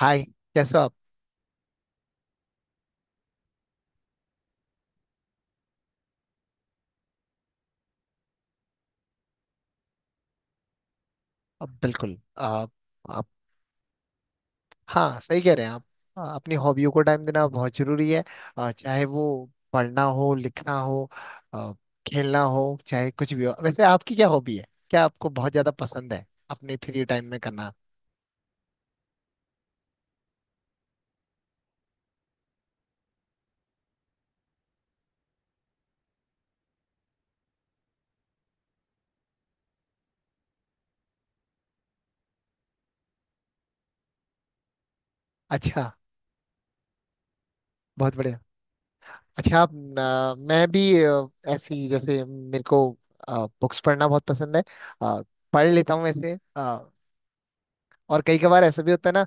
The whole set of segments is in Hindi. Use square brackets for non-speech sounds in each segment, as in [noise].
हाय। कैसे हो आप। अब बिल्कुल आप। आप। हाँ सही कह रहे हैं आप। अपनी हॉबियों को टाइम देना बहुत जरूरी है। चाहे वो पढ़ना हो लिखना हो, आ, खेलना हो चाहे कुछ भी हो। वैसे आपकी क्या हॉबी है, क्या आपको बहुत ज्यादा पसंद है अपने फ्री टाइम में करना। अच्छा। बहुत बढ़िया। अच्छा आप मैं भी ऐसी जैसे मेरे को बुक्स पढ़ना बहुत पसंद है। आ, पढ़ लेता हूँ वैसे। और कई कभार ऐसा भी होता है ना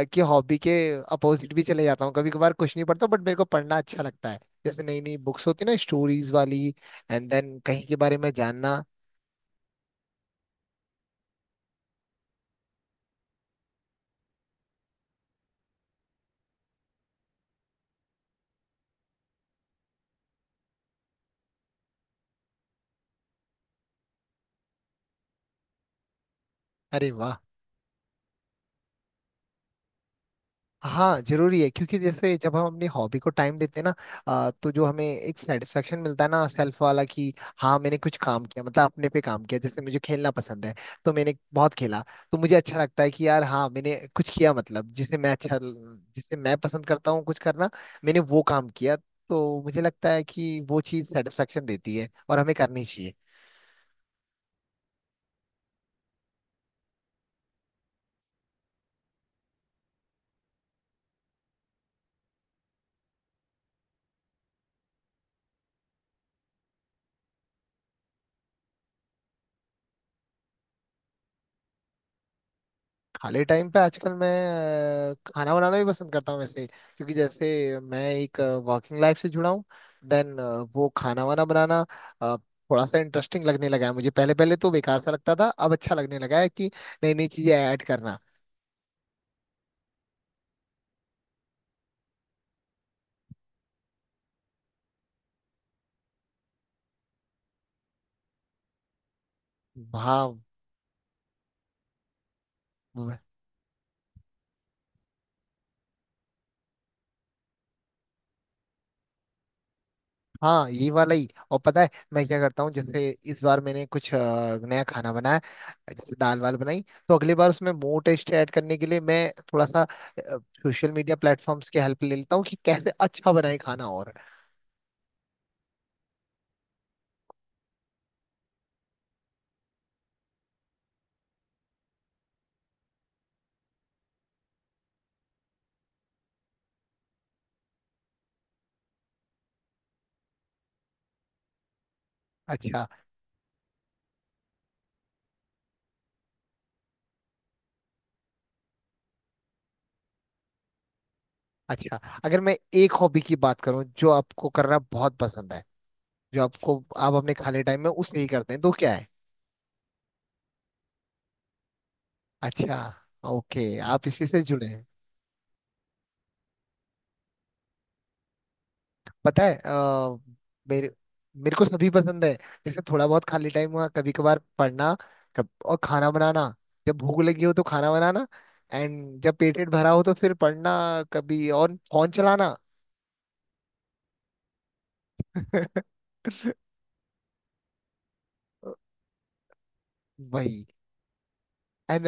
कि हॉबी के अपोजिट भी चले जाता हूँ, कभी कभार कुछ नहीं पढ़ता। बट मेरे को पढ़ना अच्छा लगता है। जैसे नई नई बुक्स होती है ना स्टोरीज वाली, एंड देन कहीं के बारे में जानना। अरे वाह। हाँ जरूरी है, क्योंकि जैसे जब हम अपनी हॉबी को टाइम देते हैं ना, तो जो हमें एक सेटिस्फेक्शन मिलता है ना सेल्फ वाला, कि हाँ मैंने कुछ काम किया, मतलब अपने पे काम किया। जैसे मुझे खेलना पसंद है, तो मैंने बहुत खेला। तो मुझे अच्छा लगता है कि यार हाँ मैंने कुछ किया, मतलब जिसे मैं अच्छा, जिसे मैं पसंद करता हूँ कुछ करना, मैंने वो काम किया। तो मुझे लगता है कि वो चीज़ सेटिस्फेक्शन देती है और हमें करनी चाहिए। खाली टाइम पे आजकल मैं खाना बनाना भी पसंद करता हूँ वैसे। क्योंकि जैसे मैं एक वर्किंग लाइफ से जुड़ा हूँ, देन वो खाना वाना बनाना अ, थोड़ा सा इंटरेस्टिंग लगने लगा है मुझे। पहले पहले तो बेकार सा लगता था, अब अच्छा लगने लगा है कि नई नई चीजें ऐड करना। हाँ। हाँ ये वाला ही। और पता है मैं क्या करता हूँ। जैसे इस बार मैंने कुछ नया खाना बनाया, जैसे दाल वाल बनाई, तो अगली बार उसमें मोर टेस्ट ऐड करने के लिए मैं थोड़ा सा सोशल मीडिया प्लेटफॉर्म्स की हेल्प ले लेता हूँ, कि कैसे अच्छा बनाए खाना। और अच्छा। अच्छा। अगर मैं एक हॉबी की बात करूँ जो आपको करना बहुत पसंद है, जो आपको, आप अपने खाली टाइम में उसे ही करते हैं, तो क्या है। अच्छा। ओके आप इसी से जुड़े हैं। पता है मेरे मेरे को सभी पसंद है। जैसे थोड़ा बहुत खाली टाइम हुआ कभी कभार पढ़ना। और खाना बनाना, जब भूख लगी हो तो खाना बनाना। एंड जब पेट वेट भरा हो तो फिर पढ़ना। कभी और फोन चलाना। [laughs] वही। एंड।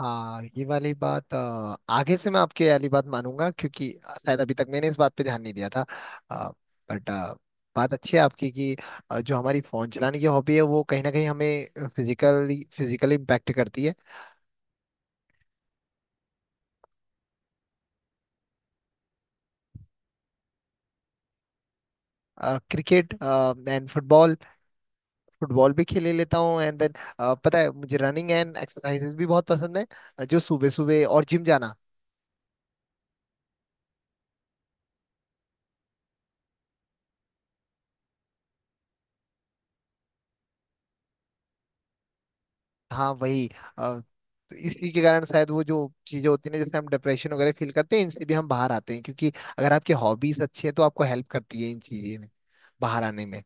हाँ ये वाली बात आगे से मैं आपकी वाली बात मानूंगा, क्योंकि शायद अभी तक मैंने इस बात पे ध्यान नहीं दिया था। बट बात अच्छी है आपकी कि जो हमारी फोन चलाने की हॉबी है वो कहीं ना कहीं हमें फिजिकली फिजिकली इम्पैक्ट करती है। Cricket and football. फुटबॉल भी खेले लेता हूँ। एंड देन पता है मुझे रनिंग एंड एक्सरसाइजेस भी बहुत पसंद है। जो सुबह सुबह और जिम जाना। हाँ वही। अ, तो इसी के कारण शायद वो जो चीजें होती हैं ना, जैसे हम डिप्रेशन वगैरह फील करते हैं, इनसे भी हम बाहर आते हैं। क्योंकि अगर आपकी हॉबीज अच्छी है तो आपको हेल्प करती है इन चीजें में बाहर आने में।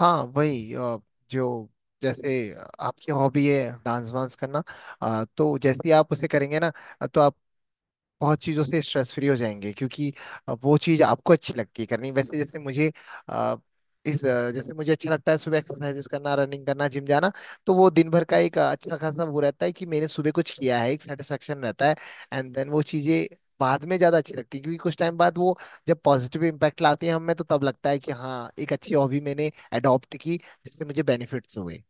हाँ वही जो जैसे आपकी हॉबी है डांस वांस करना, तो जैसे ही आप उसे करेंगे ना, तो आप बहुत चीज़ों से स्ट्रेस फ्री हो जाएंगे। क्योंकि वो चीज़ आपको अच्छी लगती है करनी। वैसे जैसे मुझे अ, जैसे मुझे अच्छा लगता है सुबह एक्सरसाइजेस करना, रनिंग करना, जिम जाना। तो वो दिन भर का एक अच्छा खासा वो रहता है कि मैंने सुबह कुछ किया है, एक सेटिस्फेक्शन रहता है। एंड देन वो चीज़ें बाद में ज़्यादा अच्छी लगती है, क्योंकि कुछ टाइम बाद वो जब पॉजिटिव इम्पैक्ट लाती है हमें, तो तब लगता है कि हाँ एक अच्छी हॉबी मैंने अडॉप्ट की जिससे मुझे बेनिफिट्स हुए।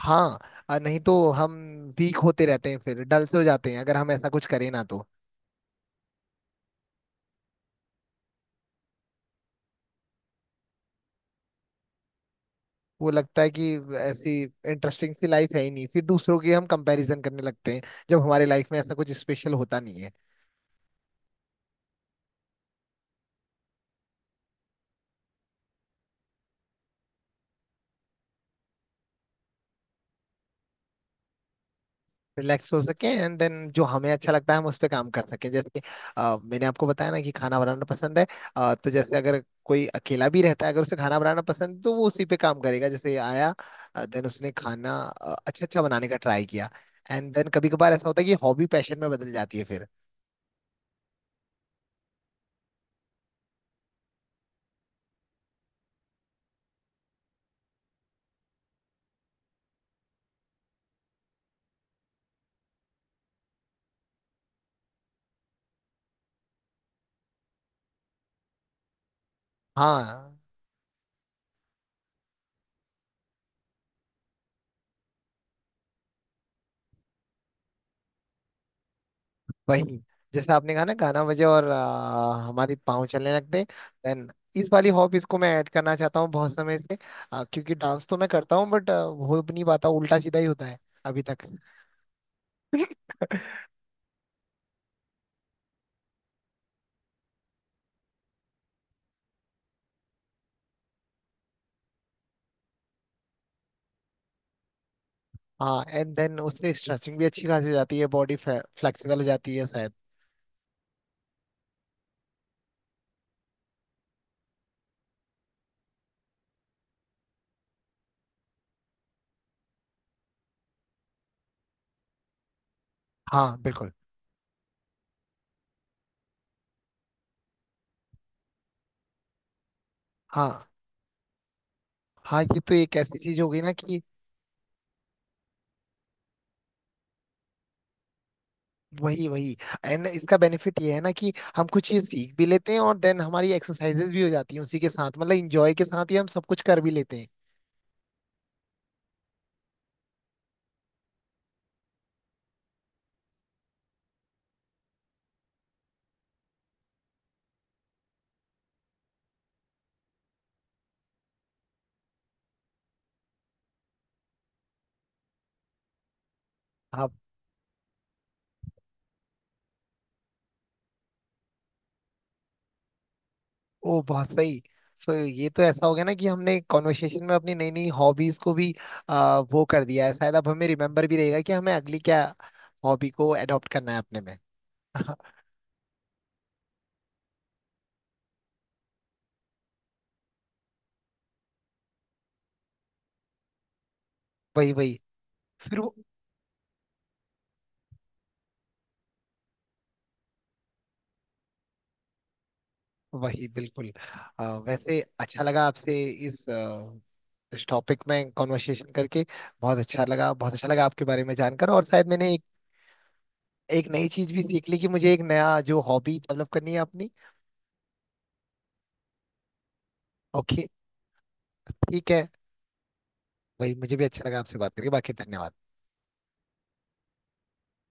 हाँ नहीं तो हम वीक होते रहते हैं, फिर डल से हो जाते हैं अगर हम ऐसा कुछ करें ना तो। वो लगता है कि ऐसी इंटरेस्टिंग सी लाइफ है ही नहीं, फिर दूसरों की हम कंपैरिजन करने लगते हैं, जब हमारी लाइफ में ऐसा कुछ स्पेशल होता नहीं है। रिलैक्स हो सके एंड देन जो हमें अच्छा लगता है हम उस पर काम कर सकें। जैसे कि मैंने आपको बताया ना कि खाना बनाना पसंद है। तो जैसे अगर कोई अकेला भी रहता है, अगर उसे खाना बनाना पसंद है, तो वो उसी पे काम करेगा, जैसे आया देन उसने खाना अच्छा अच्छा बनाने का ट्राई किया। एंड देन कभी कभार ऐसा होता है कि हॉबी पैशन में बदल जाती है फिर। हाँ वही। जैसे आपने कहा ना गाना बजे और हमारी पाँव चलने लगते, देन इस वाली हॉब इसको मैं ऐड करना चाहता हूँ बहुत समय से। क्योंकि डांस तो मैं करता हूँ, बट हो भी नहीं पाता, उल्टा सीधा ही होता है अभी तक। हाँ एंड देन उससे स्ट्रेचिंग भी अच्छी खासी हो जाती है, बॉडी फ्लेक्सिबल हो जाती है शायद। हाँ बिल्कुल। हाँ। हाँ ये तो एक ऐसी चीज हो गई ना कि। वही वही। एंड इसका बेनिफिट ये है ना कि हम कुछ चीज सीख भी लेते हैं और देन हमारी एक्सरसाइजेज भी हो जाती हैं उसी के साथ, मतलब इंजॉय के साथ ही हम सब कुछ कर भी लेते हैं। हाँ। ओ बहुत सही। सो ये तो ऐसा हो गया ना कि हमने कॉन्वर्सेशन में अपनी नई नई हॉबीज को भी वो कर दिया है। शायद अब हमें रिमेम्बर भी रहेगा कि हमें अगली क्या हॉबी को एडॉप्ट करना है अपने में। [laughs] वही वही। फिर वो वही बिल्कुल। वैसे अच्छा लगा आपसे इस आ, इस टॉपिक में कॉन्वर्सेशन करके। बहुत अच्छा लगा, बहुत अच्छा लगा आपके बारे में जानकर। और शायद मैंने एक, एक नई चीज भी सीख ली कि मुझे एक नया जो हॉबी डेवलप करनी है अपनी। ओके। ठीक है। वही मुझे भी अच्छा लगा आपसे बात करके। बाकी धन्यवाद।